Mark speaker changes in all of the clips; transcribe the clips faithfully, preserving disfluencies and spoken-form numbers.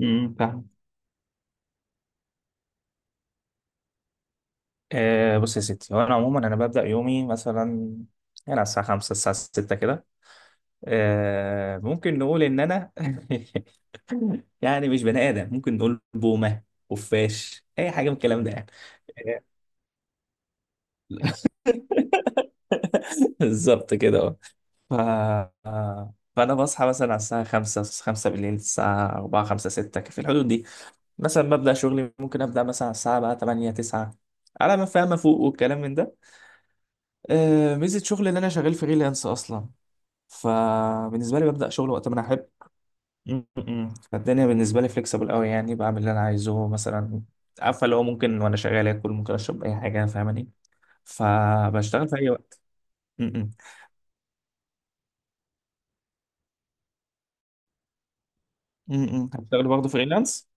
Speaker 1: امم فاهم. أه بص يا ستي، هو انا عموما انا ببدا يومي مثلا يعني على الساعه خمسة الساعه ستة كده. أه ممكن نقول ان انا يعني مش بني ادم، ممكن نقول بومه، خفاش، اي حاجه من الكلام ده يعني. بالظبط كده، اه. ف... آه، فانا بصحى مثلا على الساعه خمسة خمسة بالليل، الساعه اربعة خمسة ستة في الحدود دي. مثلا ببدا شغلي، ممكن ابدا مثلا على الساعه بقى تمانية تسعة، على ما فاهم فوق والكلام من ده. آه، ميزة شغل ان انا شغال فريلانس اصلا، فبالنسبة لي ببدأ شغل وقت ما انا احب. م- م. فالدنيا بالنسبة لي فليكسبل قوي، يعني بعمل اللي انا عايزه مثلا، عارفة اللي هو، ممكن وانا شغال اكل، ممكن اشرب اي حاجة، فاهماني. فبشتغل في اي وقت. م- م. م- م. هتشتغل برضه فريلانس؟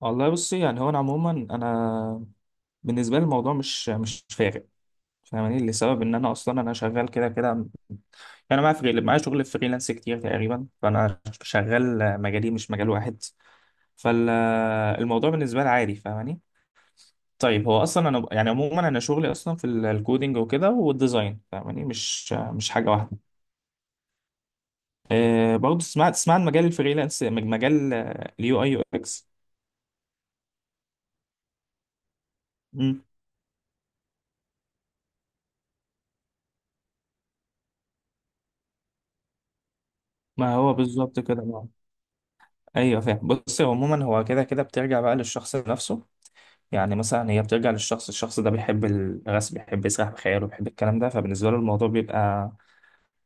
Speaker 1: والله بصي، يعني هو انا عموما انا، بالنسبة لي الموضوع مش مش فارق، فاهماني، لسبب ان انا اصلا انا شغال كده كده. انا معايا فريل... معايا شغل فريلانس كتير تقريبا، فانا شغال مجالي مش مجال واحد. فالموضوع بالنسبه لي عادي، فاهماني. طيب هو اصلا انا يعني عموما انا شغلي اصلا في ال- الكودينج وكده والديزاين، فاهماني، مش مش حاجه واحده. أه برضه سمعت تسمع عن مجال الفريلانس، مج- مجال اليو اي، يو اكس. ما هو بالظبط كده بقى. ايوه فاهم. بص هو عموما هو كده كده بترجع بقى للشخص نفسه، يعني مثلا هي بترجع للشخص الشخص ده بيحب الرسم، بيحب يسرح بخياله، بيحب الكلام ده، فبالنسبه له الموضوع بيبقى،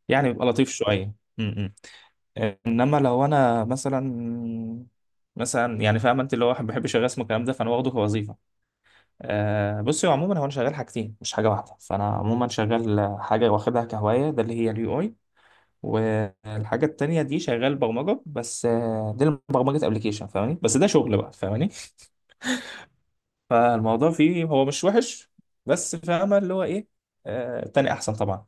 Speaker 1: يعني بيبقى لطيف شويه. انما لو انا مثلا، مثلا يعني فاهم انت اللي هو ما بحبش الرسم والكلام ده، فانا واخده كوظيفه. أه بصي، هو عموما هو انا شغال حاجتين مش حاجه واحده، فانا عموما شغال حاجه واخدها كهوايه ده اللي هي اليو اي، والحاجه التانيه دي شغال برمجه، بس آه، دي برمجه ابلكيشن، فاهماني، بس ده شغل بقى، فاهماني. فالموضوع فيه هو مش وحش، بس فاهمه اللي هو ايه. أه تاني احسن طبعا.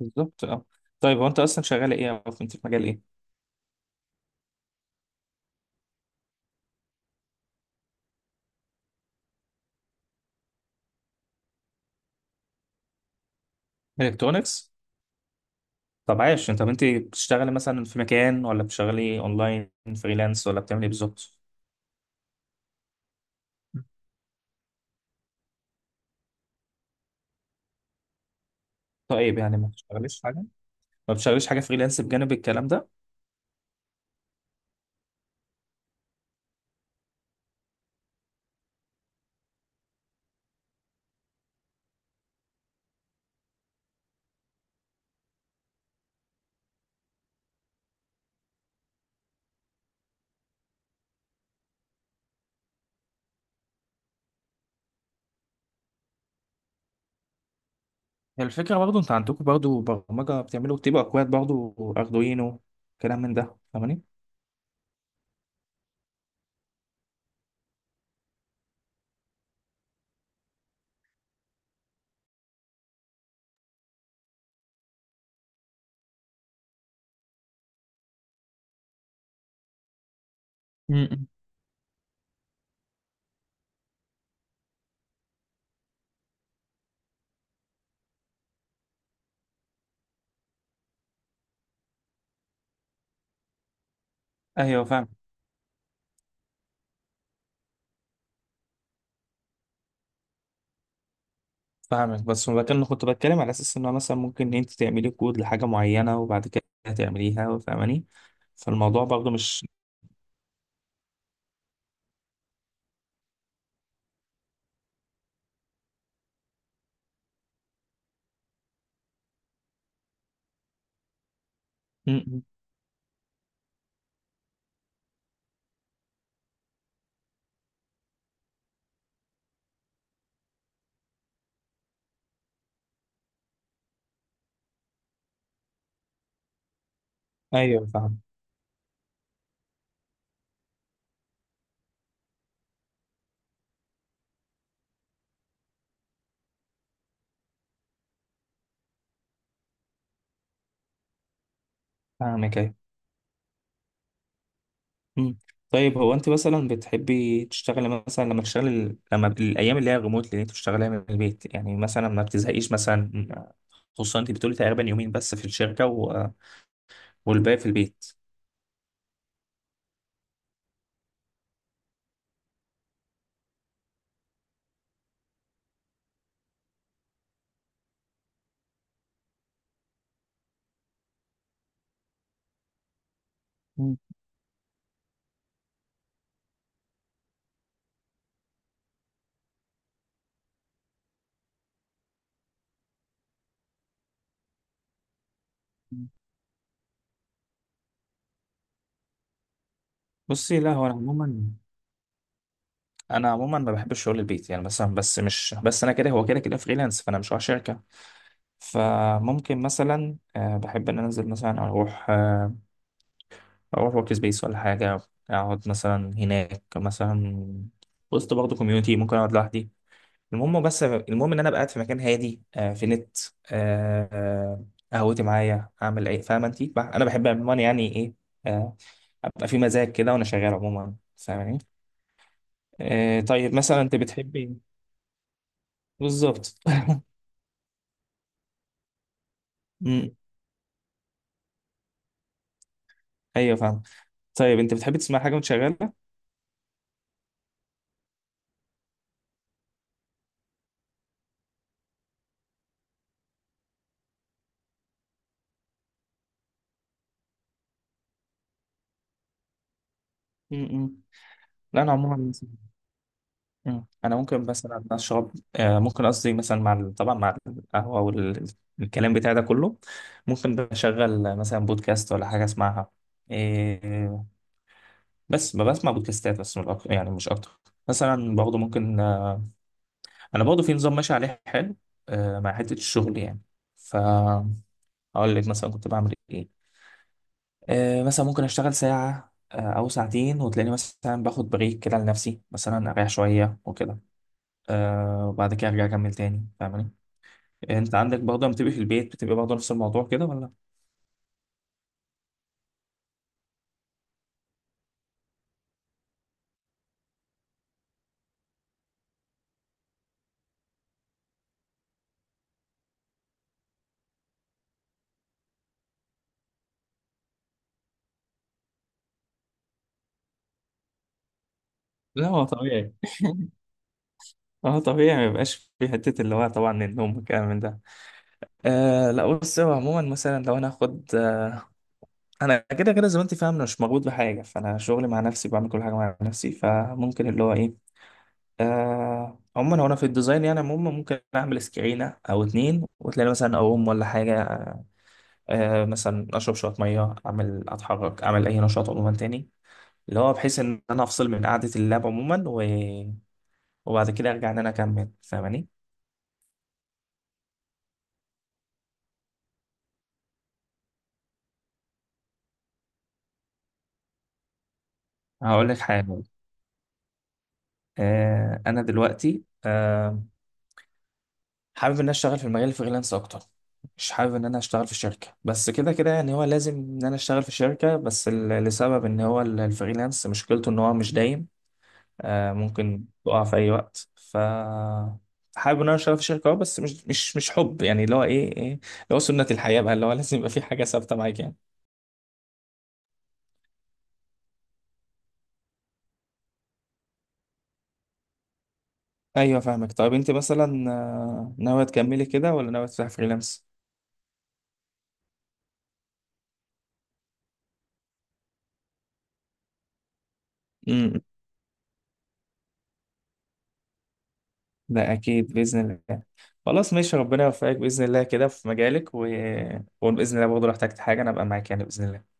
Speaker 1: بالظبط، اه. طيب هو انت اصلا شغال ايه، او انت في مجال ايه؟ الكترونكس؟ طب عايش انت طب انت بتشتغلي مثلا في مكان، ولا بتشتغلي اونلاين، فريلانس، ولا بتعملي ايه بالظبط؟ طيب يعني ما بتشتغليش حاجه؟ ما بتشتغليش حاجه فريلانس بجانب الكلام ده؟ هي الفكره برضه انت عندكم برضه برمجه بتعملوا، بتبقى اكواد برضه اردوينو، كلام من ده، فاهماني. مم. ايوه فاهم. فاهمك، بس ما كان كنت بتكلم على اساس انه مثلا ممكن انت تعملي كود لحاجه معينه، وبعد كده تعمليها، فاهماني. فالموضوع برضه مش... م- م. ايوه فاهم. فاهمك، ايوه. مم. طيب هو انت مثلا بتحبي تشتغلي مثلا، لما تشتغلي لما الايام اللي هي ريموت اللي انت بتشتغليها من البيت، يعني مثلا ما بتزهقيش مثلا؟ خصوصا انت بتقولي تقريبا يومين بس في الشركه و... والباقي في البيت. مم. بصي لا، هو انا عموما، انا عموما ما بحبش شغل البيت يعني، مثلا بس، مش بس انا كده، هو كده كده فريلانس، فانا مش على شركه. فممكن مثلا آه، بحب ان أنا انزل مثلا، اروح اروح ورك سبيس ولا حاجه، اقعد مثلا هناك مثلا، وسط برضه كوميونتي، ممكن اقعد لوحدي. المهم بس المهم ان انا ابقى قاعد في مكان هادي، آه في نت، آه آه، قهوتي معايا، اعمل ايه، فاهمه انت. بح- انا بحب عموما، يعني ايه، آه ابقى في مزاج كده وانا شغال عموما، فاهماني. آه طيب مثلا انت بتحبي... بالظبط. م- ايوه فاهم. طيب انت بتحبي تسمع حاجه وانت شغاله؟ م- م. لا انا عموما. مم. انا ممكن مثلا اشرب، آه، ممكن قصدي مثلا، مع ال- طبعا مع القهوه والكلام بتاع ده كله، ممكن بشغل مثلا بودكاست ولا حاجه اسمعها. إيه. بس ما بسمع بودكاستات بس من الأك- يعني مش اكتر. مثلا برضه ممكن، آه، انا برضه في نظام ماشي عليه حلو، آه، مع حته الشغل يعني. ف هقول لك مثلا كنت بعمل ايه. آه، مثلا ممكن اشتغل ساعه، آه، او ساعتين، وتلاقيني مثلا باخد بريك كده لنفسي مثلا، اريح شويه وكده. آه، وبعد كده ارجع اكمل تاني، فاهماني. انت عندك برضه لما بتبقى في البيت بتبقى برضه نفس الموضوع كده، ولا؟ لا، هو طبيعي، هو طبيعي ما يبقاش في حتة، اللي هو طبعا النوم والكلام من ده. آه لا بص، هو عموما مثلا لو انا هاخد، آه، انا كده كده زي ما انت فاهم، انا مش مربوط بحاجة، فانا شغلي مع نفسي، بعمل كل حاجة مع نفسي، فممكن اللي هو ايه. آه عموما هو انا في الديزاين يعني عموما ممكن اعمل سكرينة او اتنين، وتلاقي مثلا اقوم ولا حاجة. آه مثلا اشرب شوية مية، اعمل اتحرك، اعمل اي نشاط عموما تاني، اللي هو بحيث ان انا افصل من قعدة اللاب عموما، وبعد كده ارجع ان انا اكمل، فاهماني. هقول لك حاجه، آه انا دلوقتي آه حابب ان انا اشتغل في المجال الفريلانس اكتر. مش حابب ان انا اشتغل في شركه، بس كده كده يعني هو لازم ان انا اشتغل في شركه، بس ال- لسبب ان هو ال- الفريلانس مشكلته ان هو مش دايم. آه ممكن تقع في اي وقت. ف حابب ان انا اشتغل في شركه اه، بس مش مش مش حب يعني، اللي هو ايه ايه اللي هو سنه الحياه بقى، اللي هو لازم يبقى في حاجه ثابته معاك يعني. ايوه فاهمك. طيب انت مثلا آه، ناويه تكملي كده، ولا ناويه تفتحي فريلانس؟ امم ده اكيد باذن الله. خلاص ماشي، ربنا يوفقك باذن الله كده في مجالك و... وباذن الله برضه لو احتجت حاجه انا ابقى معاك يعني، باذن الله.